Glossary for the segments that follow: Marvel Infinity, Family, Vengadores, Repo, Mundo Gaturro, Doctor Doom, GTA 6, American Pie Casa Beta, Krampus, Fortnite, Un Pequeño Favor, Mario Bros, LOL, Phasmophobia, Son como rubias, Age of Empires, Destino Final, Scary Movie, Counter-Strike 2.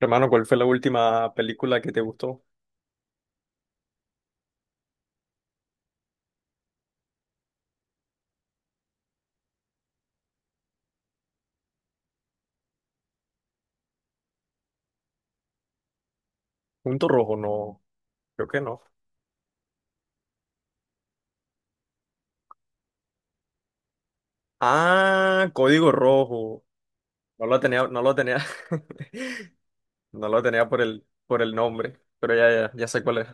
Hermano, ¿cuál fue la última película que te gustó? ¿Punto Rojo? No, creo que no. Ah, Código Rojo. No lo tenía, no lo tenía, no lo tenía por el nombre, pero ya, ya, ya sé cuál es.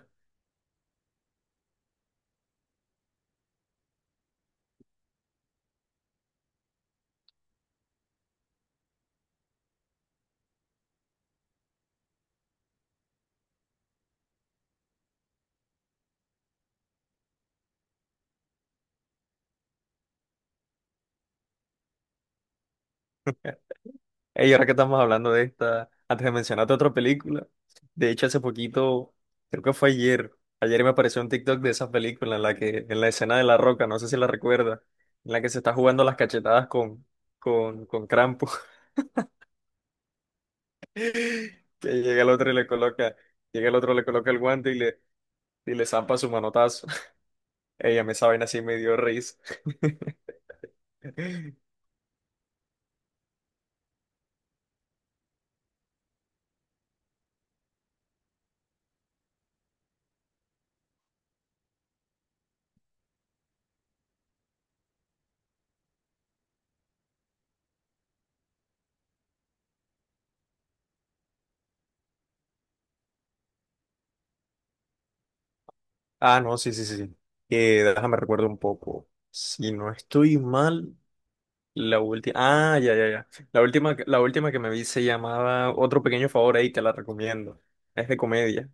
Ey, ahora que estamos hablando de esta, antes de mencionarte otra película, de hecho hace poquito, creo que fue ayer, me apareció un TikTok de esa película en la que, en la escena de La Roca, no sé si la recuerdas, en la que se está jugando las cachetadas con Krampus. Que llega el otro y llega el otro, le coloca el guante y le zampa su manotazo. Ella me esa así me dio risa. Ah, no, sí, sí, sí. Déjame recuerdo un poco. Si no estoy mal, la última. Ah, ya, ya, ya. La última que me vi se llamaba Otro Pequeño Favor, ahí te la recomiendo. Es de comedia.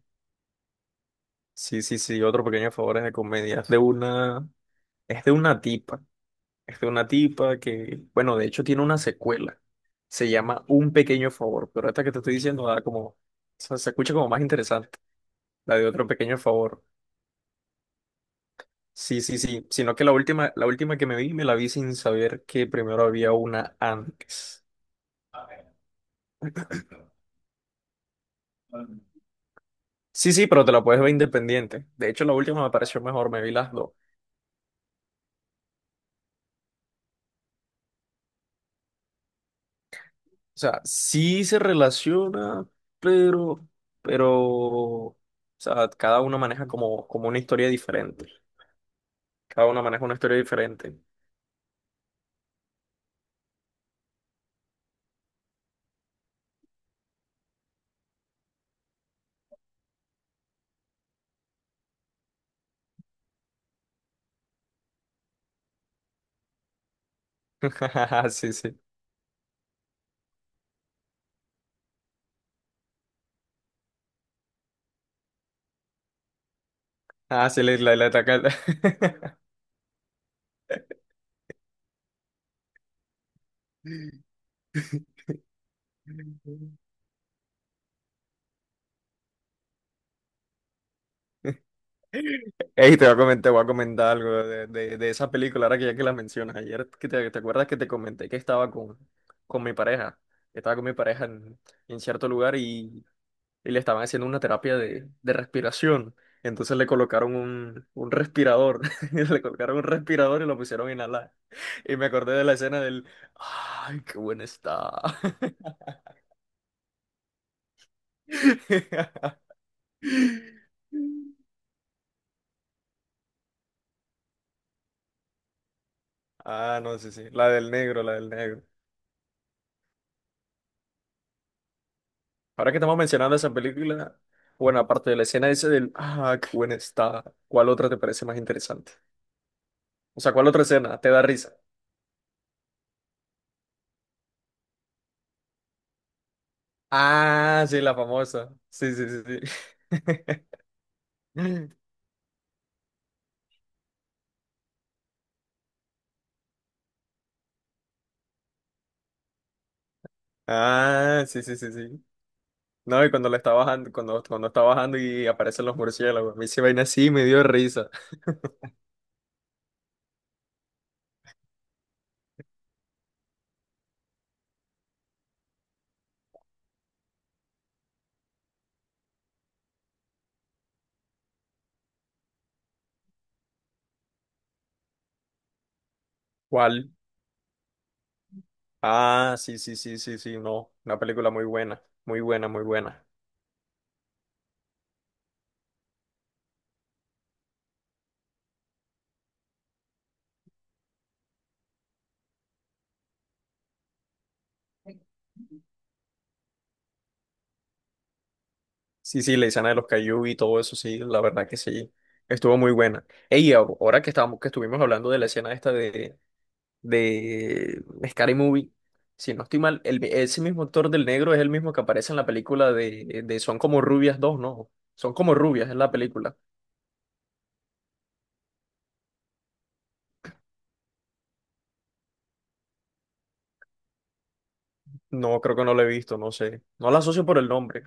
Sí, sí, sí, Otro Pequeño Favor es de comedia. Es de una tipa. Es de una tipa que, bueno, de hecho tiene una secuela. Se llama Un Pequeño Favor, pero esta que te estoy diciendo da como, o sea, se escucha como más interesante, la de Otro Pequeño Favor. Sí, sí, sí, sino que la última que me vi, me la vi sin saber que primero había una antes. Sí, sí, pero te la puedes ver independiente. De hecho, la última me pareció mejor, me vi las dos. O sea, sí se relaciona, pero, o sea, cada uno maneja como, como una historia diferente. Cada uno maneja una historia diferente. Sí, sí. Ah, sí, le ataca el- Ey, te voy a comentar algo de esa película, ahora que ya que la mencionas. Ayer, que te, ¿te acuerdas que te comenté que estaba con mi pareja? Estaba con mi pareja en cierto lugar y le estaban haciendo una terapia de respiración. Entonces le colocaron un respirador, le colocaron un respirador y lo pusieron a inhalar. Y me acordé de la escena del, ay, qué buena está. Ah, no, sí, sí, la del negro, la del negro. Ahora que estamos mencionando esa película, bueno, aparte de la escena esa del, ah, qué buena está, ¿cuál otra te parece más interesante? O sea, ¿cuál otra escena te da risa? Ah, sí, la famosa. Sí, sí, sí, sí. Ah, sí, sí, sí, sí. No, y cuando la está bajando, cuando, cuando está bajando y aparecen los murciélagos, a mí se vaina así y me dio risa. ¿Cuál? Ah, sí, sí, sí, sí, sí, no, una película muy buena, muy buena, muy buena. Sí, sí, la escena de los Caillou y todo eso, sí, la verdad que sí, estuvo muy buena. Ey, ahora que estábamos, que estuvimos hablando de la escena esta de, de Scary Movie, si no estoy mal, el, ese mismo actor del negro es el mismo que aparece en la película de Son como rubias 2, ¿no? Son como rubias, es la película. No, creo que no la he visto, no sé. No la asocio por el nombre.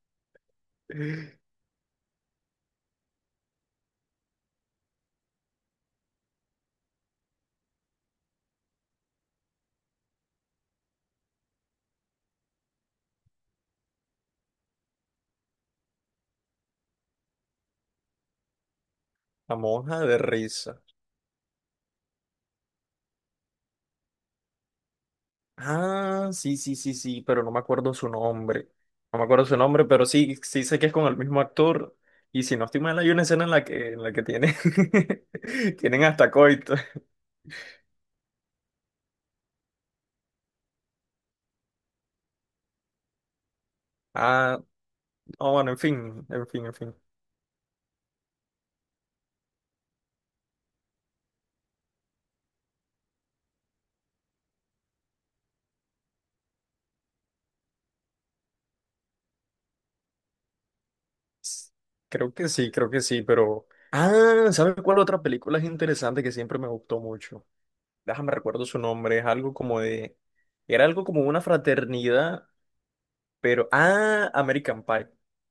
La monja de risa. Ah, sí, sí, sí, sí, pero no me acuerdo su nombre. No me acuerdo su nombre, pero sí, sí sé que es con el mismo actor. Y si no estoy mal, hay una escena en la que tiene, tienen hasta coito. Ah, no, bueno, en fin, en fin, en fin. S- creo que sí, pero... Ah, ¿sabes cuál otra película es interesante que siempre me gustó mucho? Déjame recuerdo su nombre, es algo como de, era algo como una fraternidad, pero, ah, American Pie,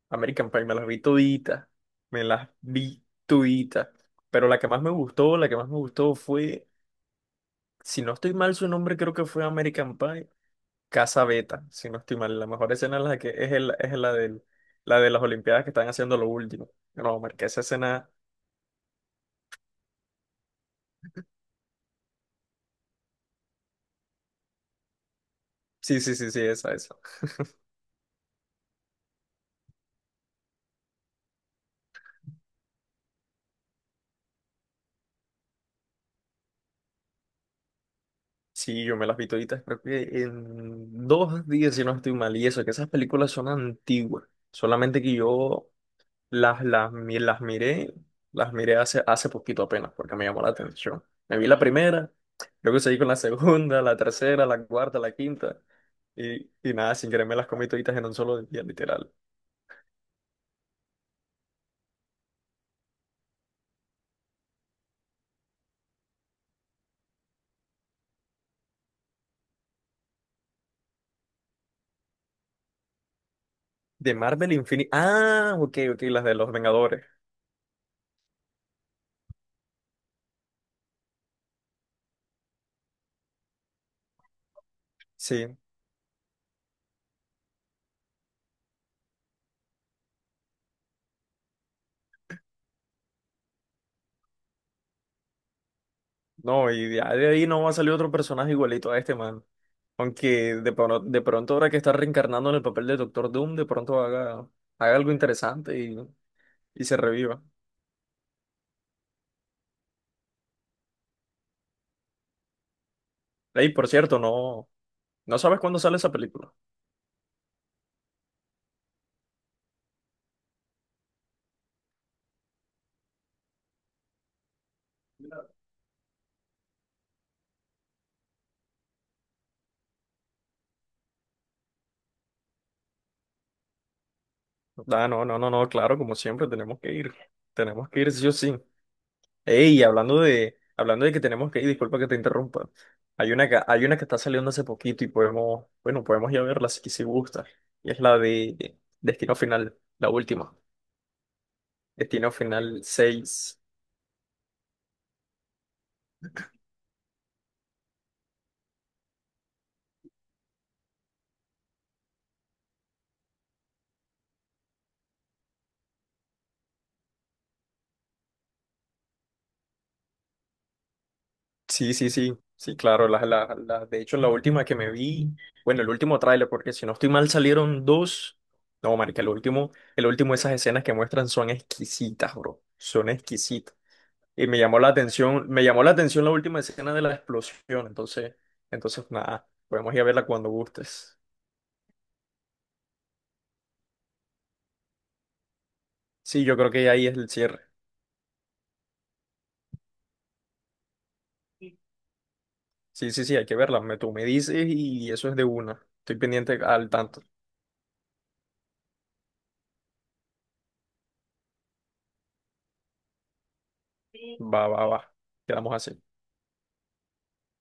American Pie, me las vi todita, me las vi todita, pero la que más me gustó, la que más me gustó fue, si no estoy mal su nombre, creo que fue American Pie, Casa Beta, si no estoy mal, la mejor escena es la que, es el, es la del, la de las Olimpiadas que están haciendo lo último, no, marqué esa escena, sí, sí, sí, sí, esa, esa. Sí, yo me las vi toditas, creo que en 2 días, si no estoy mal, y eso, que esas películas son antiguas, solamente que yo las, mi- las miré hace, hace poquito apenas, porque me llamó la atención. Me vi la primera, luego seguí con la segunda, la tercera, la cuarta, la quinta, y nada, sin querer me las comí toditas en un solo día, literal. De Marvel Infinity, ah, ok, ok, las de los Vengadores, sí. No, y de ahí no va a salir otro personaje igualito a este, man. Aunque de pronto ahora que está reencarnando en el papel de Doctor Doom, de pronto haga, haga algo interesante y se reviva. Ey, por cierto, no, no sabes cuándo sale esa película. Ah, no, no, no, no, claro, como siempre, tenemos que ir. Tenemos que ir sí o sí. Ey, hablando de que tenemos que ir, disculpa que te interrumpa. Hay una que está saliendo hace poquito y podemos, bueno, podemos ir a verla si gusta. Y es la de Destino Final, la última. Destino Final 6. Sí, sí, sí, sí, claro. Las de hecho, la última que me vi, bueno, el último tráiler, porque si no estoy mal salieron dos. No, marica, el último, esas escenas que muestran son exquisitas, bro. Son exquisitas. Y me llamó la atención, me llamó la atención la última escena de la explosión. Entonces, entonces nada, podemos ir a verla cuando gustes. Sí, yo creo que ahí es el cierre. Sí, sí, sí, hay que verla. Me, tú me dices y eso es de una. Estoy pendiente al tanto. Va, va, va. Quedamos así.